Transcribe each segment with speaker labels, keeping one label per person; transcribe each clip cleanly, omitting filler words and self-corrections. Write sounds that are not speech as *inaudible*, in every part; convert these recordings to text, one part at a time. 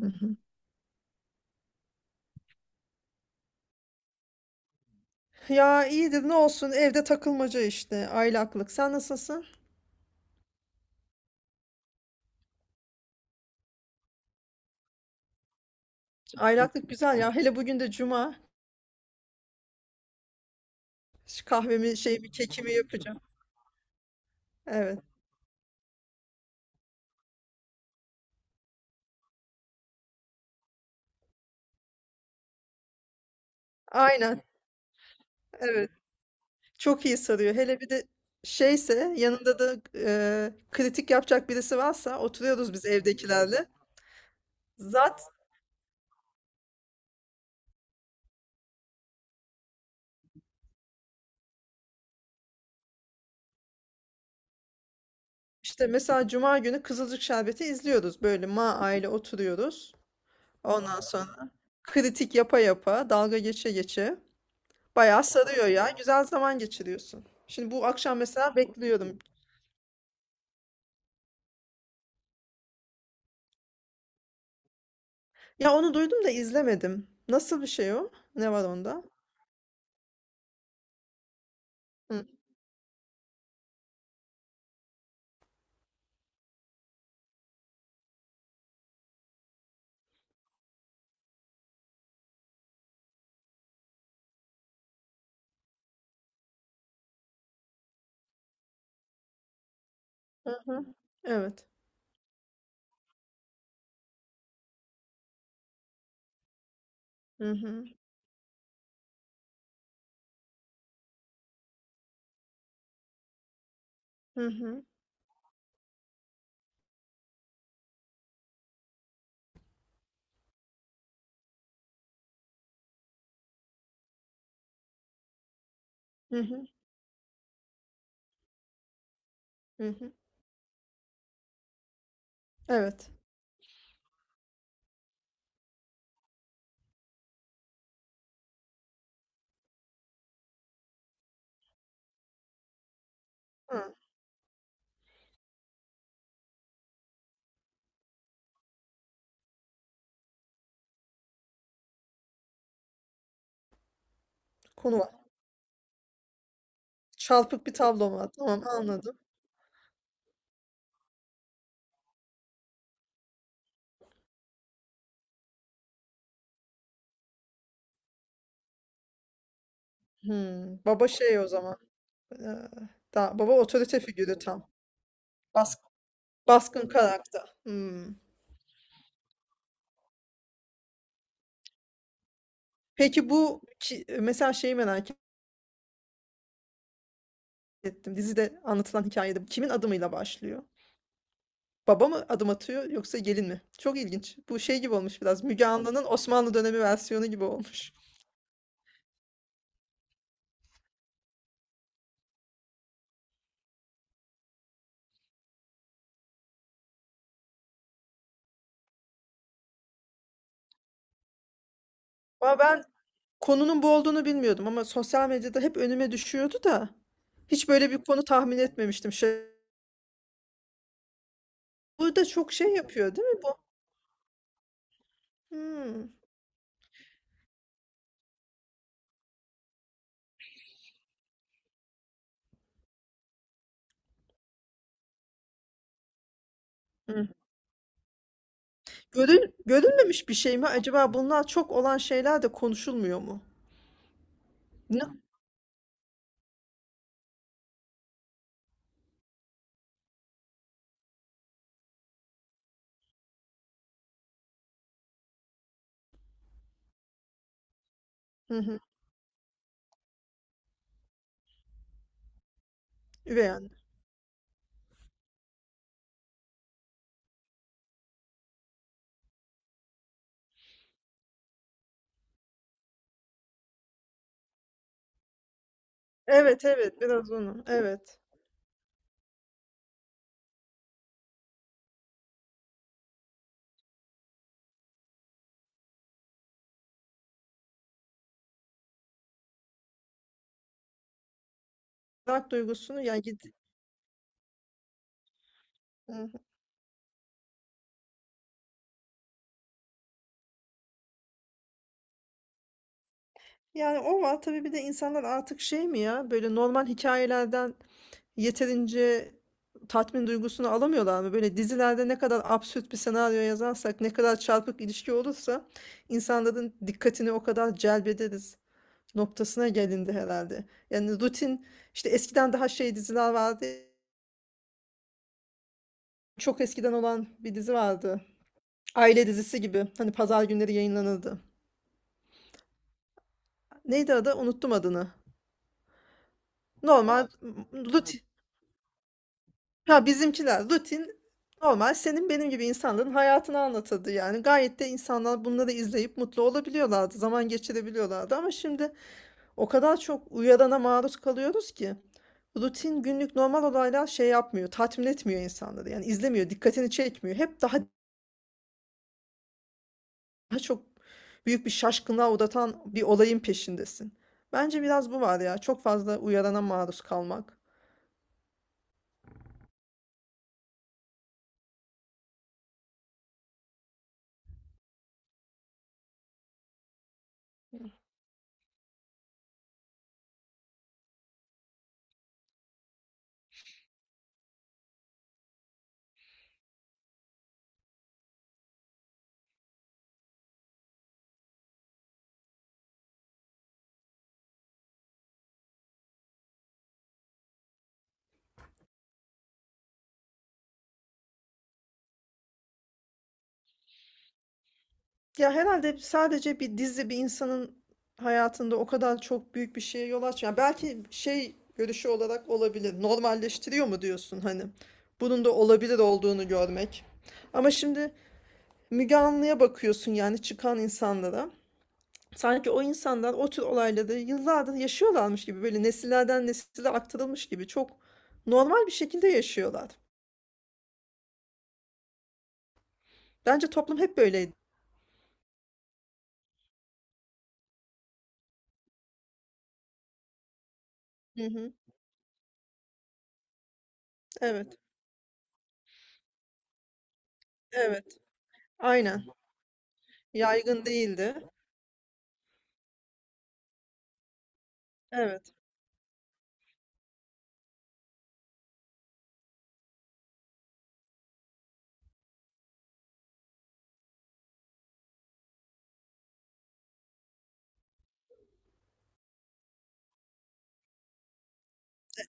Speaker 1: Hı hı. Ya iyidir ne olsun evde takılmaca işte aylaklık. Sen nasılsın? Aylaklık güzel ya. Hele bugün de cuma. Şu kahvemi şeyimi kekimi yapacağım. Evet. Aynen. Evet. Çok iyi sarıyor. Hele bir de şeyse yanında da kritik yapacak birisi varsa oturuyoruz biz evdekilerle. Zat işte mesela cuma günü Kızılcık Şerbeti izliyoruz. Böyle aile oturuyoruz. Ondan sonra kritik yapa yapa dalga geçe geçe. Bayağı sarıyor ya. Güzel zaman geçiriyorsun. Şimdi bu akşam mesela bekliyorum. Ya onu duydum da izlemedim. Nasıl bir şey o? Ne var onda? Hı. Hı hı. Evet. Hı hı. Hı hı. Hı hı. Hı hı. Evet. Hı. Konu var. Çarpık bir tablo var. Tamam, anladım. Hmm. Baba şey o zaman. Ee, Da, baba otorite figürü tam. Baskın, baskın karakter. Hmm. Peki bu mesela şeyi merak ettim. Dizide anlatılan hikayede bu kimin adımıyla başlıyor? Baba mı adım atıyor yoksa gelin mi? Çok ilginç. Bu şey gibi olmuş biraz. Müge Anlı'nın Osmanlı dönemi versiyonu gibi olmuş. Ama ben konunun bu olduğunu bilmiyordum ama sosyal medyada hep önüme düşüyordu da hiç böyle bir konu tahmin etmemiştim. Şey, burada çok şey yapıyor değil mi bu? Hmm. Hmm. Görülmemiş bir şey mi? Acaba bunlar çok olan şeyler de konuşulmuyor mu? Ne? Hı hı. Üvey anne. Evet, evet, biraz onu. Evet. Merak duygusunu yani. Yani o var tabii, bir de insanlar artık şey mi ya, böyle normal hikayelerden yeterince tatmin duygusunu alamıyorlar mı? Böyle dizilerde ne kadar absürt bir senaryo yazarsak, ne kadar çarpık ilişki olursa insanların dikkatini o kadar celbederiz noktasına gelindi herhalde. Yani rutin işte, eskiden daha şey diziler vardı. Çok eskiden olan bir dizi vardı. Aile dizisi gibi. Hani pazar günleri yayınlanırdı. Neydi adı? Unuttum adını. Normal, rutin. Ya, bizimkiler rutin, normal, senin benim gibi insanların hayatını anlatırdı yani. Gayet de insanlar bunları izleyip mutlu olabiliyorlardı, zaman geçirebiliyorlardı, ama şimdi o kadar çok uyarana maruz kalıyoruz ki rutin, günlük, normal olaylar şey yapmıyor, tatmin etmiyor insanları. Yani izlemiyor, dikkatini çekmiyor. Hep daha, daha çok büyük bir şaşkınlığa uğratan bir olayın peşindesin. Bence biraz bu var ya, çok fazla uyarana maruz kalmak. Ya herhalde sadece bir dizi bir insanın hayatında o kadar çok büyük bir şeye yol açmıyor. Belki şey, görüşü olarak olabilir. Normalleştiriyor mu diyorsun hani? Bunun da olabilir olduğunu görmek. Ama şimdi Müge Anlı'ya bakıyorsun, yani çıkan insanlara. Sanki o insanlar o tür olayları yıllardır yaşıyorlarmış gibi, böyle nesillerden nesile aktarılmış gibi çok normal bir şekilde yaşıyorlar. Bence toplum hep böyleydi. Hı hı. Evet, evet. Aynen. Yaygın değildi. Evet.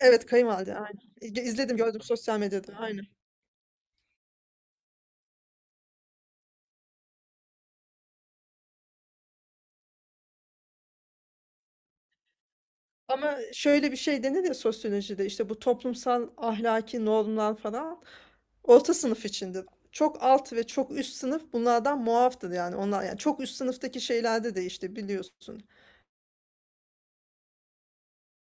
Speaker 1: Evet, kayınvalide, aynen. İzledim, gördüm sosyal medyada, aynen. Ama şöyle bir şey denir ya sosyolojide, işte bu toplumsal ahlaki normlar falan orta sınıf içindir. Çok alt ve çok üst sınıf bunlardan muaftır, yani onlar. Yani çok üst sınıftaki şeylerde de işte biliyorsun.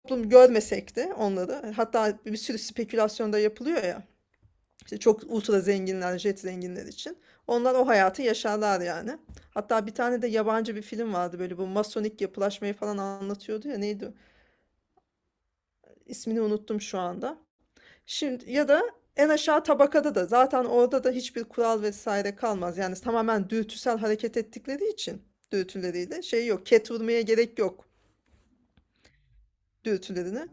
Speaker 1: Toplum görmesek de onları, hatta bir sürü spekülasyon da yapılıyor ya. İşte çok ultra zenginler, jet zenginler için. Onlar o hayatı yaşarlar yani. Hatta bir tane de yabancı bir film vardı, böyle bu masonik yapılaşmayı falan anlatıyordu ya, neydi o? İsmini unuttum şu anda. Şimdi ya da en aşağı tabakada da zaten, orada da hiçbir kural vesaire kalmaz. Yani tamamen dürtüsel hareket ettikleri için dürtüleriyle şey yok. Ket vurmaya gerek yok dürtülerine.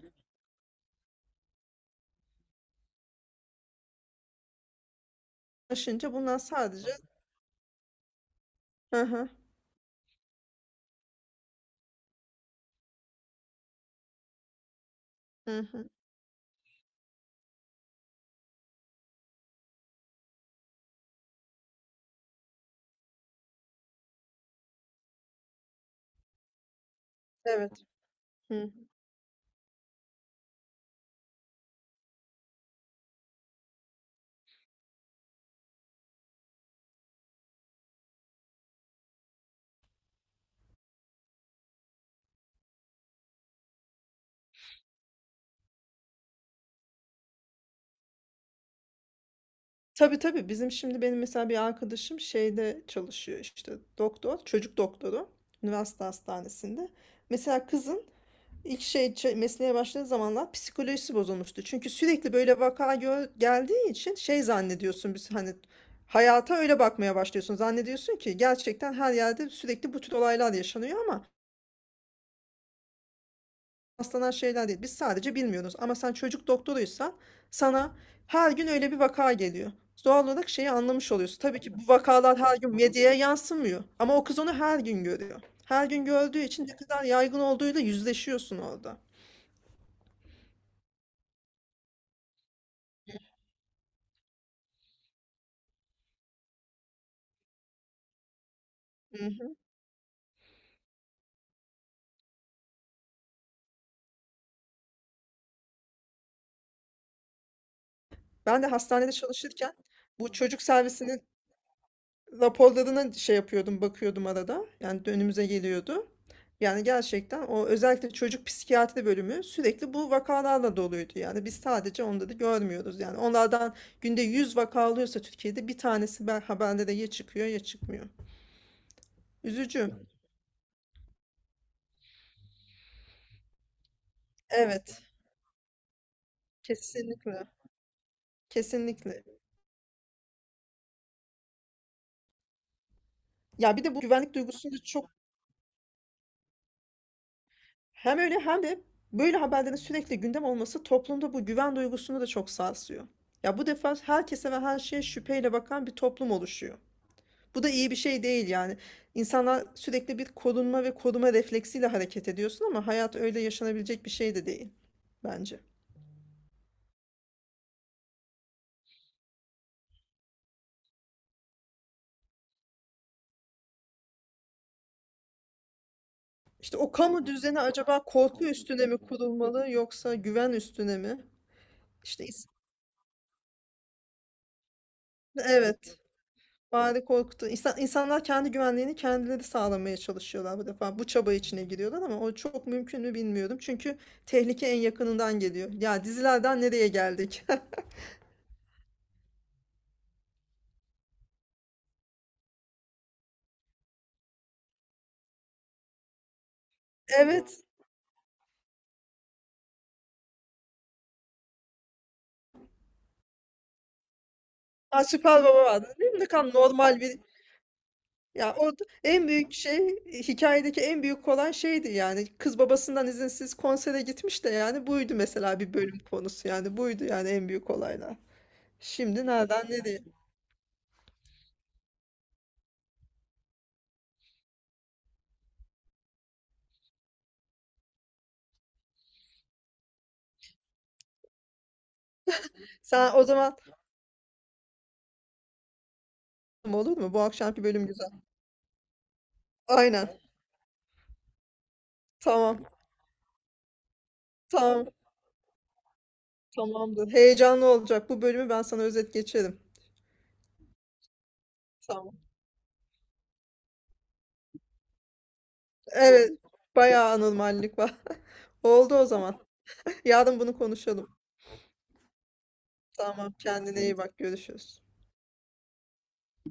Speaker 1: Aşınca bunlar sadece hı hı, hı hı, evet. Hı. Tabii, tabii, bizim şimdi benim mesela bir arkadaşım şeyde çalışıyor, işte doktor, çocuk doktoru üniversite hastanesinde. Mesela kızın İlk şey, mesleğe başladığı zamanlar psikolojisi bozulmuştu. Çünkü sürekli böyle vaka geldiği için şey zannediyorsun, biz hani hayata öyle bakmaya başlıyorsun. Zannediyorsun ki gerçekten her yerde sürekli bu tür olaylar yaşanıyor, ama rastlanan şeyler değil. Biz sadece bilmiyoruz. Ama sen çocuk doktoruysan sana her gün öyle bir vaka geliyor. Doğal olarak şeyi anlamış oluyorsun. Tabii ki bu vakalar her gün medyaya yansımıyor. Ama o kız onu her gün görüyor. Her gün gördüğü için ne kadar yaygın olduğuyla yüzleşiyorsun orada. Ben de hastanede çalışırken bu çocuk servisinin raporlarına şey yapıyordum, bakıyordum arada. Yani önümüze geliyordu. Yani gerçekten o, özellikle çocuk psikiyatri bölümü sürekli bu vakalarla doluydu. Yani biz sadece onları görmüyoruz. Yani onlardan günde 100 vaka alıyorsa Türkiye'de, bir tanesi ben haberlere ya çıkıyor ya çıkmıyor. Üzücü. Evet, kesinlikle. Kesinlikle. Ya bir de bu güvenlik duygusunu da çok... Hem öyle hem de böyle haberlerin sürekli gündem olması toplumda bu güven duygusunu da çok sarsıyor. Ya bu defa herkese ve her şeye şüpheyle bakan bir toplum oluşuyor. Bu da iyi bir şey değil yani. İnsanlar sürekli bir korunma ve koruma refleksiyle hareket ediyorsun, ama hayat öyle yaşanabilecek bir şey de değil bence. İşte o kamu düzeni acaba korku üstüne mi kurulmalı yoksa güven üstüne mi? İşte evet. Bari korktu. İnsan, insanlar kendi güvenliğini kendileri sağlamaya çalışıyorlar bu defa. Bu çaba içine giriyorlar ama o çok mümkün mü bilmiyorum. Çünkü tehlike en yakınından geliyor. Ya dizilerden nereye geldik? *laughs* Evet. Ha, Süper Baba vardı değil mi? Ne kadar normal bir... Ya o en büyük şey, hikayedeki en büyük olan şeydi yani. Kız babasından izinsiz konsere gitmiş de, yani buydu mesela bir bölüm konusu yani. Buydu yani en büyük olaylar. Şimdi nereden nereye? Sen o zaman, olur mu? Bu akşamki bölüm güzel. Aynen. Tamam. Tamam, tamamdır. Heyecanlı olacak. Bu bölümü ben sana özet geçerim. Tamam. Evet, bayağı anormallik var. *laughs* Oldu o zaman. Yarın bunu konuşalım. Tamam, kendine iyi bak. Görüşürüz.